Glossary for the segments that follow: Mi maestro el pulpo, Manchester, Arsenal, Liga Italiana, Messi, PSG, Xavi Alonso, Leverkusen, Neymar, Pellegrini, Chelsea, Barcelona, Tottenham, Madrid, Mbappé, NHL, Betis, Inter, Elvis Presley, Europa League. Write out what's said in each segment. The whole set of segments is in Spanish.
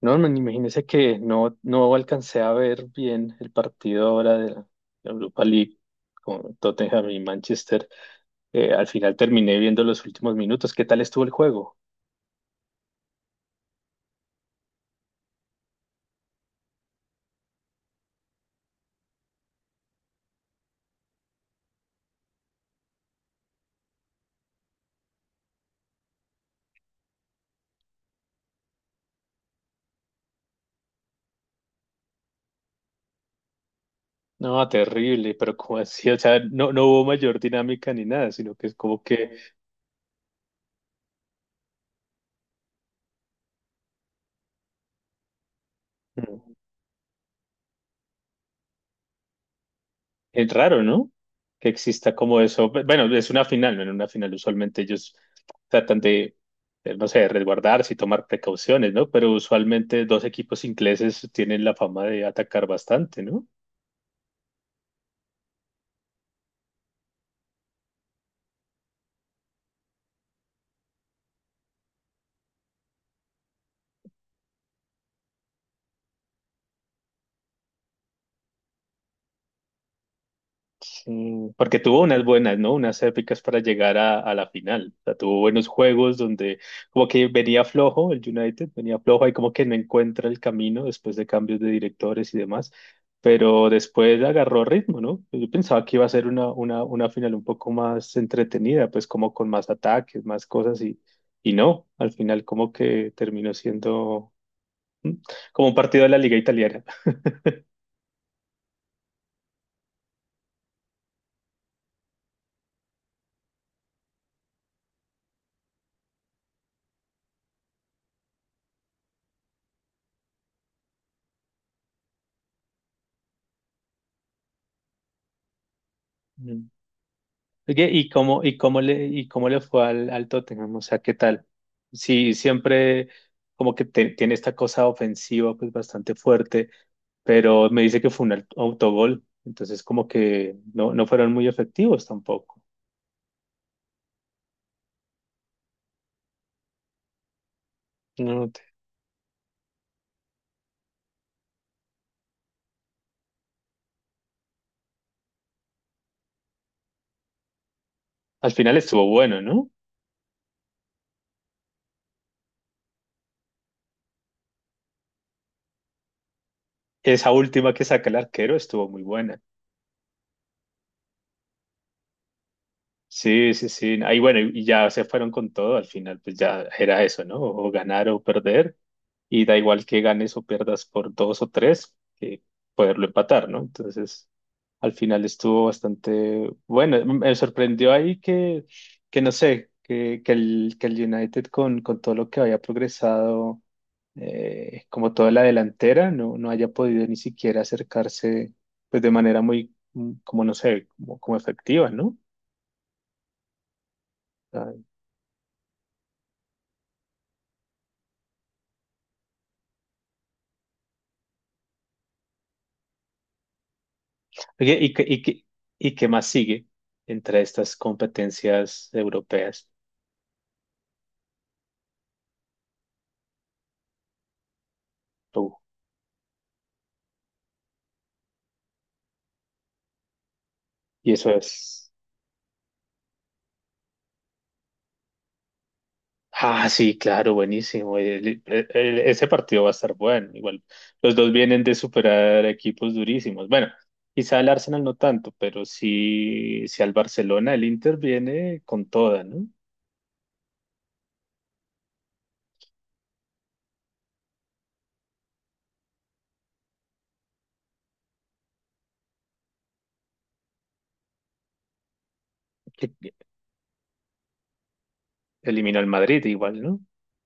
No, man, imagínese que no alcancé a ver bien el partido ahora de la Europa League con Tottenham y Manchester. Al final terminé viendo los últimos minutos. ¿Qué tal estuvo el juego? No, terrible, pero como así, o sea, no hubo mayor dinámica ni nada, sino que es como que es raro, ¿no? Que exista como eso. Bueno, es una final, ¿no? En una final usualmente ellos tratan de, no sé, resguardarse y tomar precauciones, ¿no? Pero usualmente dos equipos ingleses tienen la fama de atacar bastante, ¿no? Mm, porque tuvo unas buenas, ¿no? Unas épicas para llegar a la final. O sea, tuvo buenos juegos donde como que venía flojo el United, venía flojo y como que no encuentra el camino después de cambios de directores y demás. Pero después agarró ritmo, ¿no? Yo pensaba que iba a ser una final un poco más entretenida, pues como con más ataques, más cosas y no, al final como que terminó siendo mm, como un partido de la Liga Italiana. Oye, y cómo le fue al, al Tottenham? O sea, ¿qué tal? Sí, siempre como que tiene esta cosa ofensiva pues bastante fuerte, pero me dice que fue un autogol, entonces como que no, no fueron muy efectivos tampoco. No te- Al final estuvo bueno, ¿no? Esa última que saca el arquero estuvo muy buena. Sí, sí, sí. Ahí bueno, y ya se fueron con todo al final, pues ya era eso, ¿no? O ganar o perder. Y da igual que ganes o pierdas por dos o tres, que poderlo empatar, ¿no? Entonces, al final estuvo bastante bueno. Me sorprendió ahí que no sé, que el United con todo lo que había progresado, como toda la delantera, no, no haya podido ni siquiera acercarse, pues de manera muy, mm, como no sé, como, como efectiva, ¿no? Oye, ¿y qué más sigue entre estas competencias europeas? Uh, y eso es. Ah, sí, claro, buenísimo. Ese partido va a estar bueno. Igual, los dos vienen de superar equipos durísimos. Bueno, quizá el Arsenal no tanto, pero sí, sí al Barcelona, el Inter viene con toda, ¿no? Que Eliminó al Madrid igual, ¿no?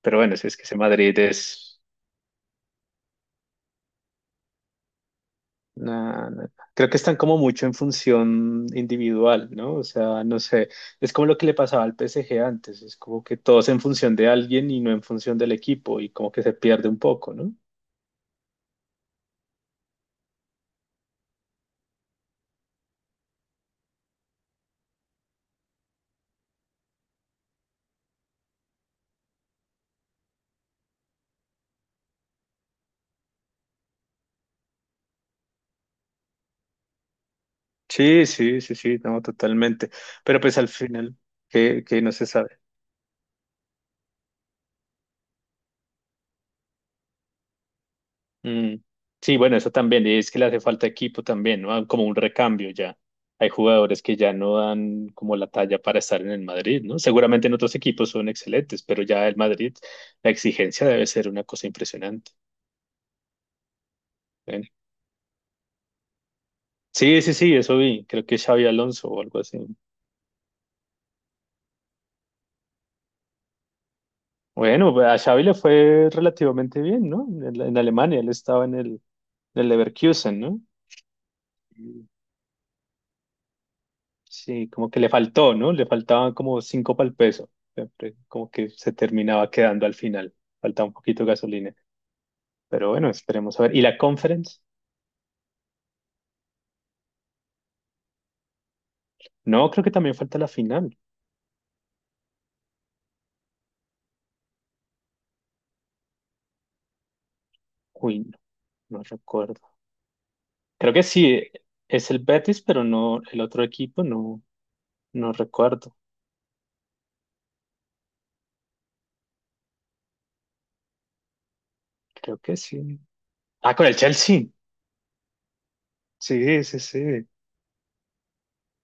Pero bueno, si es que ese Madrid es. No, no, no. Creo que están como mucho en función individual, ¿no? O sea, no sé, es como lo que le pasaba al PSG antes, es como que todos en función de alguien y no en función del equipo y como que se pierde un poco, ¿no? Sí, sí, sí, sí, no, totalmente. Pero pues al final, que no se sabe. Mm, sí, bueno, eso también, y es que le hace falta equipo también, ¿no? Ah, como un recambio ya. Hay jugadores que ya no dan como la talla para estar en el Madrid, ¿no? Seguramente en otros equipos son excelentes, pero ya el Madrid, la exigencia debe ser una cosa impresionante. Bueno, sí, sí, sí, eso vi, creo que Xavi Alonso o algo así. Bueno, a Xavi le fue relativamente bien, ¿no? En Alemania, él estaba en el Leverkusen, ¿no? Sí, como que le faltó, ¿no? Le faltaban como cinco para el peso. Siempre como que se terminaba quedando al final. Faltaba un poquito de gasolina. Pero bueno, esperemos a ver. ¿Y la conference? No, creo que también falta la final. Uy, no, no recuerdo. Creo que sí, es el Betis, pero no, el otro equipo no, no recuerdo. Creo que sí. Ah, con el Chelsea. Sí, sí, sí.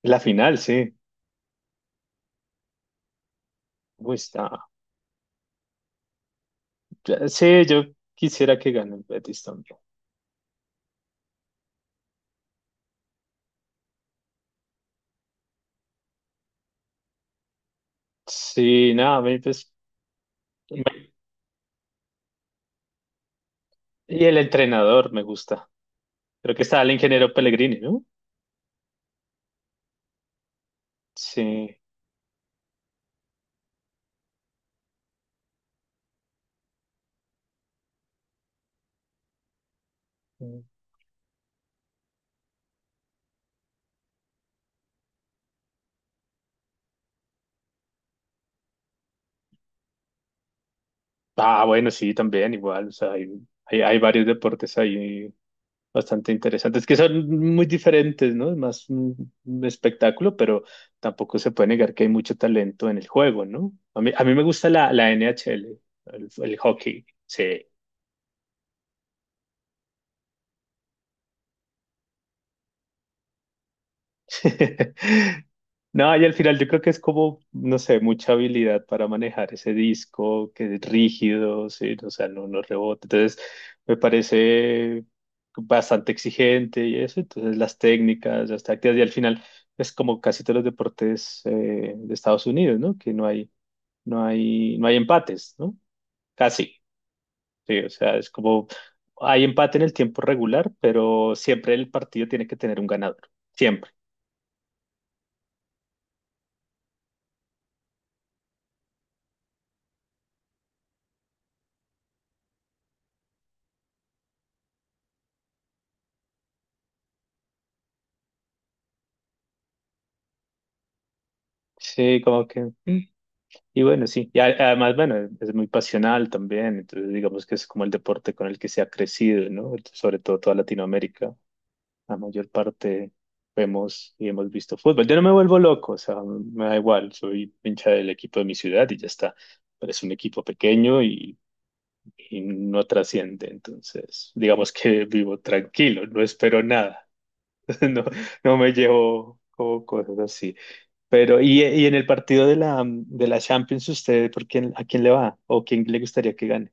La final, sí. Uy, está. Sí, yo quisiera que gane el Betis también. Sí, nada, me- pues. Y el entrenador me gusta. Creo que está el ingeniero Pellegrini, ¿no? Sí. Ah, bueno, sí, también igual. O sea, hay varios deportes ahí bastante interesantes que son muy diferentes, ¿no? Es más un espectáculo, pero tampoco se puede negar que hay mucho talento en el juego, ¿no? A mí me gusta la N NHL, el hockey. Sí. No, y al final yo creo que es como, no sé, mucha habilidad para manejar ese disco que es rígido, sí, o sea, no, no rebota. Entonces, me parece bastante exigente y eso. Entonces, las técnicas, las tácticas, y al final es como casi todos los deportes de Estados Unidos, ¿no? Que no hay empates, ¿no? Casi, sí, o sea, es como hay empate en el tiempo regular, pero siempre el partido tiene que tener un ganador, siempre. Sí, como que mm. Y bueno, sí, y además, bueno, es muy pasional también, entonces digamos que es como el deporte con el que se ha crecido, ¿no? Sobre todo toda Latinoamérica, la mayor parte vemos y hemos visto fútbol. Yo no me vuelvo loco, o sea, me da igual, soy hincha del equipo de mi ciudad y ya está, pero es un equipo pequeño y no trasciende, entonces digamos que vivo tranquilo, no espero nada, no, no me llevo como cosas así. Pero, y en el partido de de la Champions, ¿usted por quién, a quién le va? ¿O quién le gustaría que gane?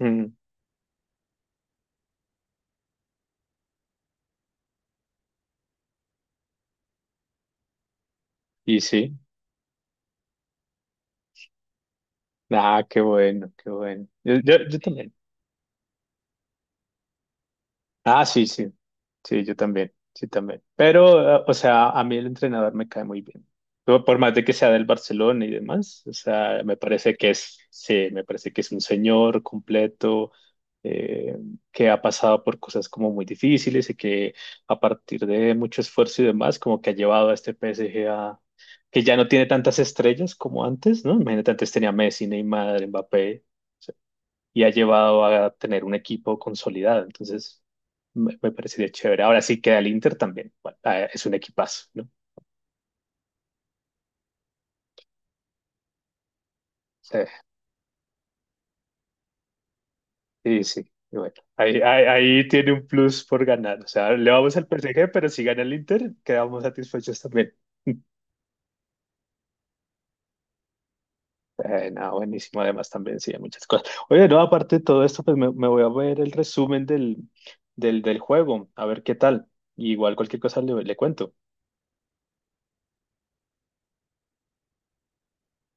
Mm, y sí, ah, qué bueno, qué bueno. Yo también. Ah, sí, sí. Sí, yo también. Sí, también. Pero, o sea, a mí el entrenador me cae muy bien. Por más de que sea del Barcelona y demás, o sea, me parece que es, sí, me parece que es un señor completo, eh, que ha pasado por cosas como muy difíciles y que a partir de mucho esfuerzo y demás, como que ha llevado a este PSG a, que ya no tiene tantas estrellas como antes, ¿no? Imagínate, antes tenía Messi, Neymar, Mbappé y ha llevado a tener un equipo consolidado. Entonces, me parecería chévere. Ahora sí queda el Inter también. Bueno, ah, es un equipazo, ¿no? Sí, sí. Sí. Y bueno, ahí tiene un plus por ganar. O sea, le vamos al PSG, pero si gana el Inter, quedamos satisfechos también. No, buenísimo, además también sí, hay muchas cosas. Oye, no, aparte de todo esto, pues me voy a ver el resumen del juego, a ver qué tal. Igual cualquier cosa le, le cuento.